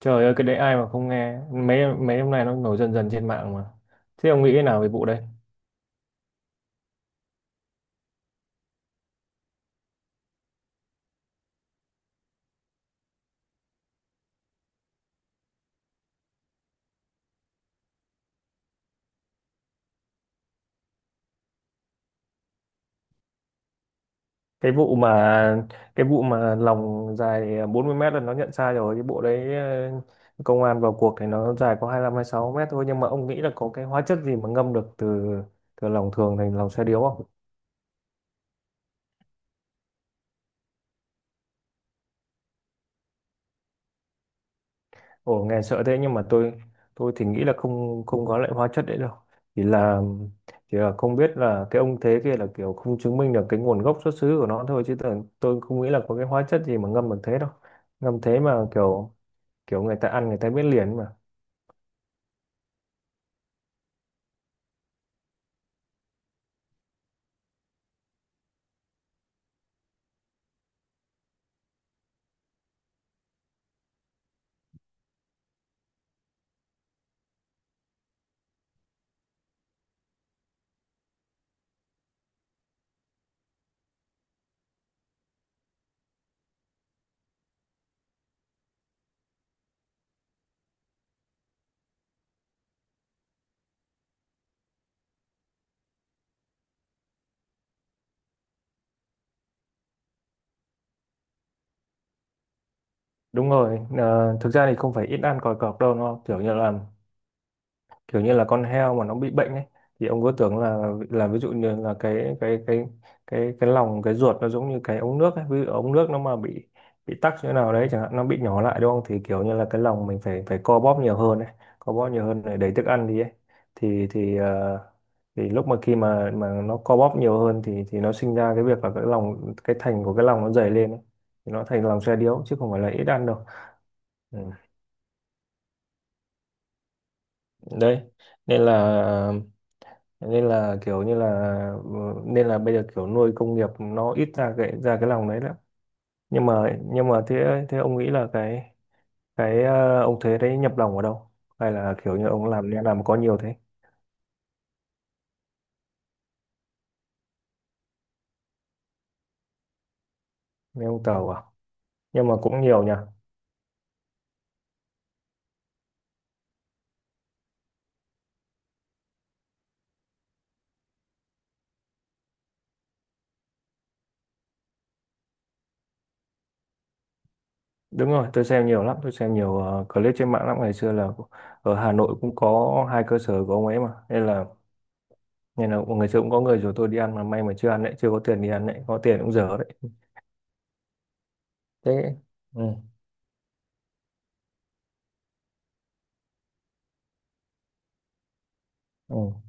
Trời ơi, cái đấy ai mà không nghe. Mấy mấy hôm nay nó nổi dần dần trên mạng mà. Thế ông nghĩ thế nào về vụ đấy? Cái vụ mà cái vụ mà lòng dài à, 40 mét là nó nhận sai rồi. Cái bộ đấy, công an vào cuộc thì nó dài có 25 sáu mét thôi, nhưng mà ông nghĩ là có cái hóa chất gì mà ngâm được từ từ lòng thường thành lòng xe điếu? Ồ, nghe sợ thế. Nhưng mà tôi thì nghĩ là không không có loại hóa chất đấy đâu. Chỉ là chỉ là không biết là cái ông thế kia là kiểu không chứng minh được cái nguồn gốc xuất xứ của nó thôi, chứ tôi không nghĩ là có cái hóa chất gì mà ngâm bằng thế đâu. Ngâm thế mà kiểu kiểu người ta ăn người ta biết liền mà. Đúng rồi, thực ra thì không phải ít ăn còi cọc đâu, nó kiểu như là con heo mà nó bị bệnh ấy, thì ông cứ tưởng là ví dụ như là cái lòng cái ruột nó giống như cái ống nước ấy. Ví dụ ống nước nó mà bị tắc chỗ nào đấy chẳng hạn, nó bị nhỏ lại đúng không, thì kiểu như là cái lòng mình phải phải co bóp nhiều hơn ấy, co bóp nhiều hơn để đẩy thức ăn đi ấy. Thì thì ờ, thì lúc mà khi mà nó co bóp nhiều hơn thì nó sinh ra cái việc là cái lòng cái thành của cái lòng nó dày lên ấy. Thì nó thành lòng xe điếu, chứ không phải là ít ăn đâu. Ừ. Đấy, nên là nên là kiểu như là, ừ, nên là bây giờ kiểu nuôi công nghiệp nó ít ra cái lòng đấy lắm. Nhưng mà thế thế ông nghĩ là cái ông thế đấy nhập lòng ở đâu, hay là kiểu như ông làm có nhiều thế? Nên ông tàu à? Nhưng mà cũng nhiều nhỉ. Đúng rồi, tôi xem nhiều lắm, tôi xem nhiều clip trên mạng lắm. Ngày xưa là ở Hà Nội cũng có hai cơ sở của ông ấy mà, nên là ngày xưa cũng có người rủ tôi đi ăn, mà may mà chưa ăn đấy, chưa có tiền đi ăn đấy, có tiền cũng dở đấy. Thế. Ừ. Ừ.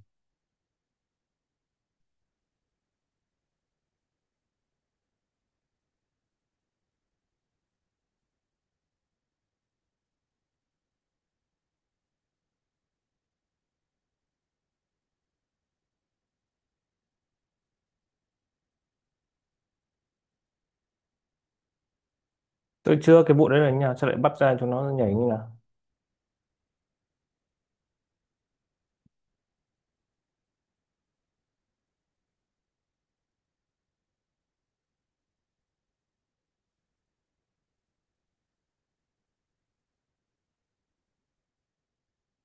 Tôi chưa, cái vụ đấy là như nào, sao lại bắt ra chúng nó nhảy như nào?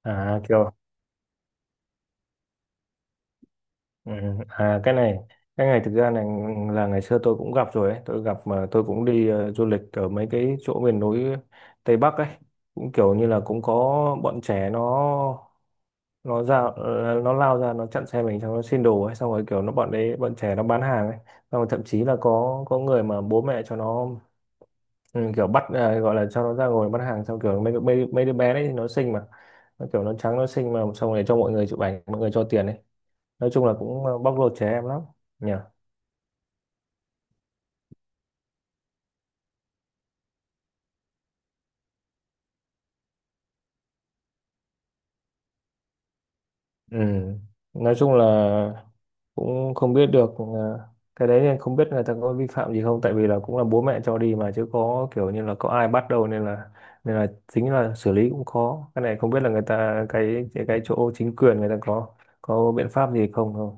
À, kiểu. Ừ. À, cái này thực ra này, là ngày xưa tôi cũng gặp rồi ấy. Tôi gặp mà tôi cũng đi du lịch ở mấy cái chỗ miền núi Tây Bắc ấy. Cũng kiểu như là cũng có bọn trẻ nó ra, nó lao ra nó chặn xe mình, xong nó xin đồ ấy. Xong rồi kiểu nó bọn đấy bọn trẻ nó bán hàng ấy, xong rồi thậm chí là có người mà bố mẹ cho nó, ừ, kiểu bắt à, gọi là cho nó ra ngồi bắt hàng. Xong kiểu mấy đứa bé đấy thì nó xinh mà, nó kiểu nó trắng nó xinh mà, xong rồi cho mọi người chụp ảnh, mọi người cho tiền ấy. Nói chung là cũng à, bóc lột trẻ em lắm nhỉ. Ừ. Nói chung là cũng không biết được à, cái đấy. Nên không biết người ta có vi phạm gì không, tại vì là cũng là bố mẹ cho đi mà, chứ có kiểu như là có ai bắt đâu. Nên là chính là xử lý cũng khó. Cái này không biết là người ta cái chỗ chính quyền người ta có biện pháp gì không không.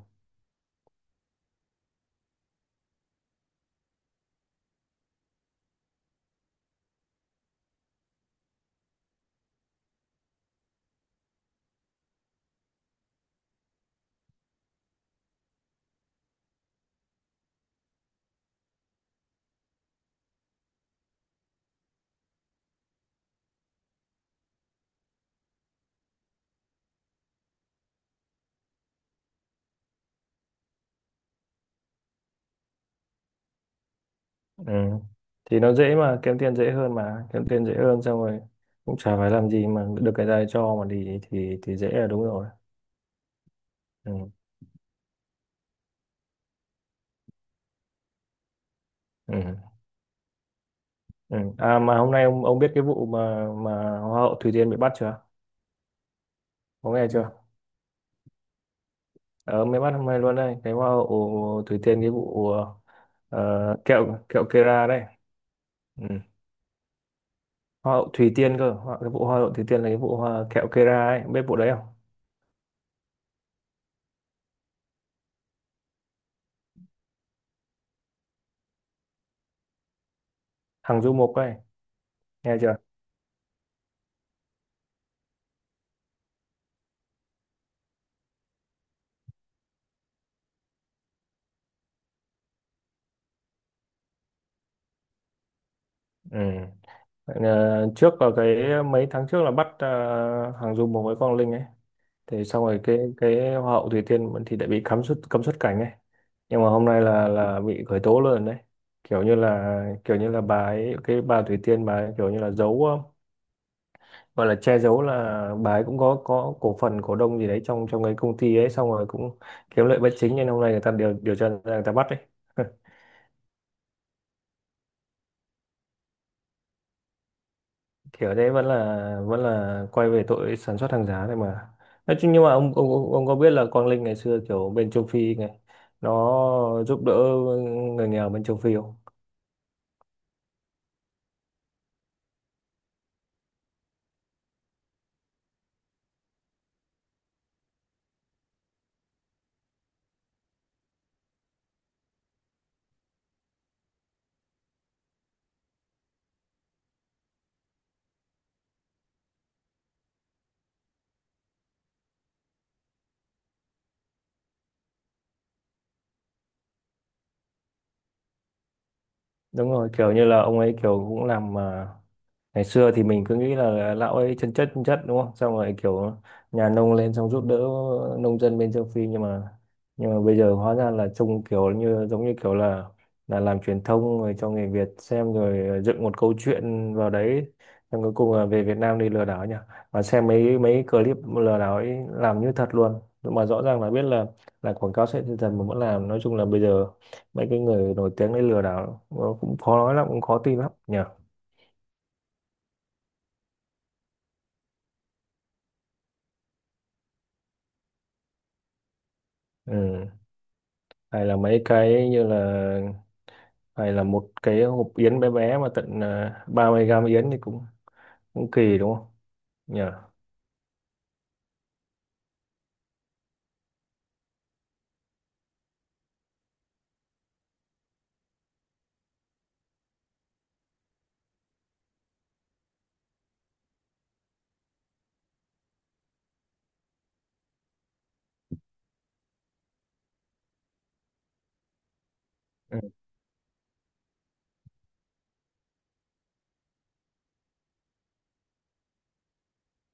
Ừ. Thì nó dễ mà, kiếm tiền dễ hơn mà, kiếm tiền dễ hơn, xong rồi cũng chả phải làm gì mà được, cái này cho mà đi thì dễ là đúng rồi. Ừ. Ừ. Ừ. À mà hôm nay ông biết cái vụ mà hoa hậu Thủy Tiên bị bắt chưa? Có nghe chưa? Ờ, mới bắt hôm nay luôn đây, cái hoa hậu Thủy Tiên, cái vụ ờ, kẹo kẹo Kera đấy. Ừ. Hoa hậu Thủy Tiên cơ, hoa, cái vụ hoa hậu Thủy Tiên là cái vụ hoa kẹo Kera ấy, biết vụ đấy không? Thằng Du Mục ấy, nghe chưa? Ừ. Ờ, trước ở cái mấy tháng trước là bắt hàng Dung cùng với Quang Linh ấy. Thì xong rồi cái Hoa hậu Thủy Tiên vẫn thì đã bị cấm xuất cảnh ấy, nhưng mà hôm nay là bị khởi tố luôn đấy. Kiểu như là bà ấy, cái bà Thủy Tiên, bà ấy kiểu như là giấu, gọi là che giấu, là bà ấy cũng có cổ phần cổ đông gì đấy trong trong cái công ty ấy. Xong rồi cũng kiếm lợi bất chính, nên hôm nay người ta điều điều tra ra người ta bắt ấy. Kiểu đấy vẫn là quay về tội sản xuất hàng giả này mà. Nói chung, nhưng mà ông có biết là Quang Linh ngày xưa kiểu bên châu Phi này nó giúp đỡ người nghèo bên châu Phi không? Đúng rồi, kiểu như là ông ấy kiểu cũng làm à, ngày xưa thì mình cứ nghĩ là lão ấy chân chất đúng không, xong rồi kiểu nhà nông lên xong giúp đỡ nông dân bên châu Phi. Nhưng mà bây giờ hóa ra là trông kiểu như giống như kiểu là làm truyền thông rồi cho người Việt xem, rồi dựng một câu chuyện vào đấy, xong cuối cùng là về Việt Nam đi lừa đảo nhỉ. Mà xem mấy mấy clip lừa đảo ấy làm như thật luôn, mà rõ ràng là biết là quảng cáo sẽ dần mà vẫn làm. Nói chung là bây giờ mấy cái người nổi tiếng đấy lừa đảo cũng khó nói lắm, cũng khó tin lắm nhỉ. Ừ. Hay là mấy cái như là hay là một cái hộp yến bé bé mà tận à, 30 gram yến thì cũng cũng kỳ đúng không nhỉ. Ừ.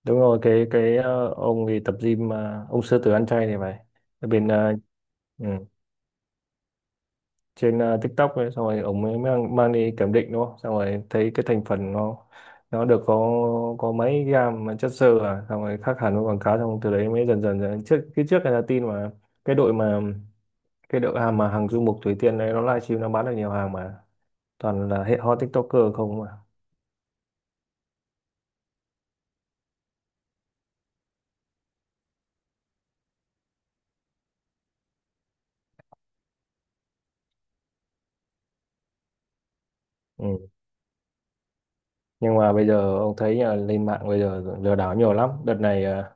Đúng rồi, cái ông thì tập gym mà ông sư tử ăn chay thì phải. Ở bên ừ, trên TikTok ấy, xong rồi ông ấy mang đi kiểm định đúng không, xong rồi thấy cái thành phần nó được có mấy gram mà chất xơ à, xong rồi khác hẳn với quảng cáo. Xong từ đấy mới dần dần, dần. Trước trước là tin mà cái đội hàng mà hàng du mục Thủy Tiên đấy, nó livestream nó bán được nhiều hàng mà, toàn là hệ hot TikToker không mà. Ừ. Nhưng mà bây giờ ông thấy là lên mạng bây giờ lừa đảo nhiều lắm đợt này, à,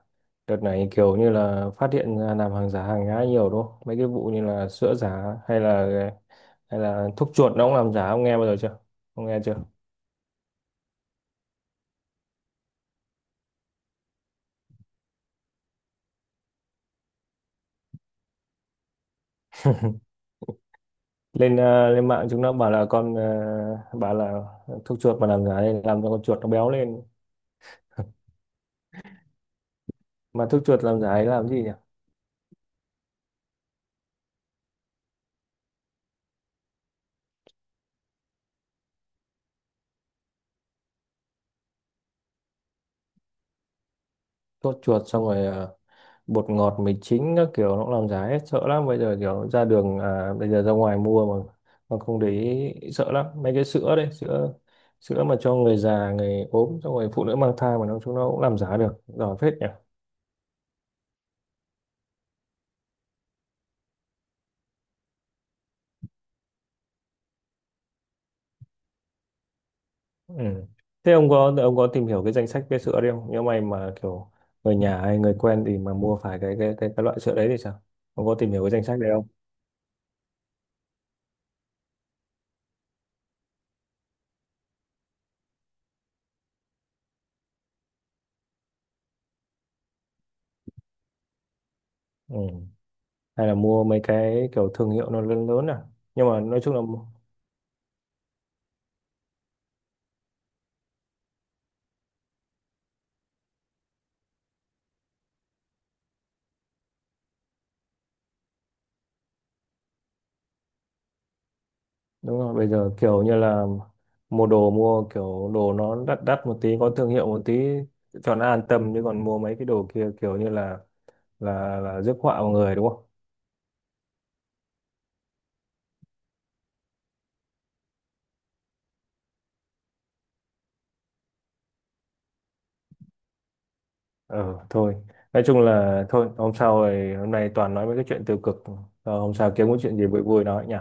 đợt này kiểu như là phát hiện ra làm hàng giả hàng nhái nhiều đúng không. Mấy cái vụ như là sữa giả, hay là thuốc chuột nó cũng làm giả, ông nghe bao giờ chưa? Ông nghe chưa? Lên à, lên mạng chúng nó bảo là con à, bảo là thuốc chuột mà làm giả đây làm cho con chuột nó béo lên. Mà thuốc chuột làm giả ấy làm gì nhỉ? Sốt chuột, xong rồi bột ngọt mì chính các kiểu nó cũng làm giá hết, sợ lắm. Bây giờ kiểu ra đường à, bây giờ ra ngoài mua mà không để ý sợ lắm. Mấy cái sữa đấy, sữa sữa mà cho người già người ốm, xong rồi phụ nữ mang thai, mà nó chúng nó cũng làm giá được giỏi phết nhỉ. Ừ. Thế ông có tìm hiểu cái danh sách cái sữa đấy không, nếu mày mà kiểu người nhà hay người quen thì mà mua phải cái cái loại sữa đấy thì sao? Ông có tìm hiểu cái danh sách đấy không? Ừ. Hay là mua mấy cái kiểu thương hiệu nó lớn lớn à. Nhưng mà nói chung là đúng rồi, bây giờ kiểu như là mua đồ mua kiểu đồ nó đắt đắt một tí có thương hiệu một tí cho nó an tâm, chứ còn mua mấy cái đồ kia kiểu như là là rước họa vào người đúng không. Ờ thôi, nói chung là thôi hôm sau rồi, hôm nay toàn nói mấy cái chuyện tiêu cực. Ờ, hôm sau kiếm cái chuyện gì vui vui nói nhỉ.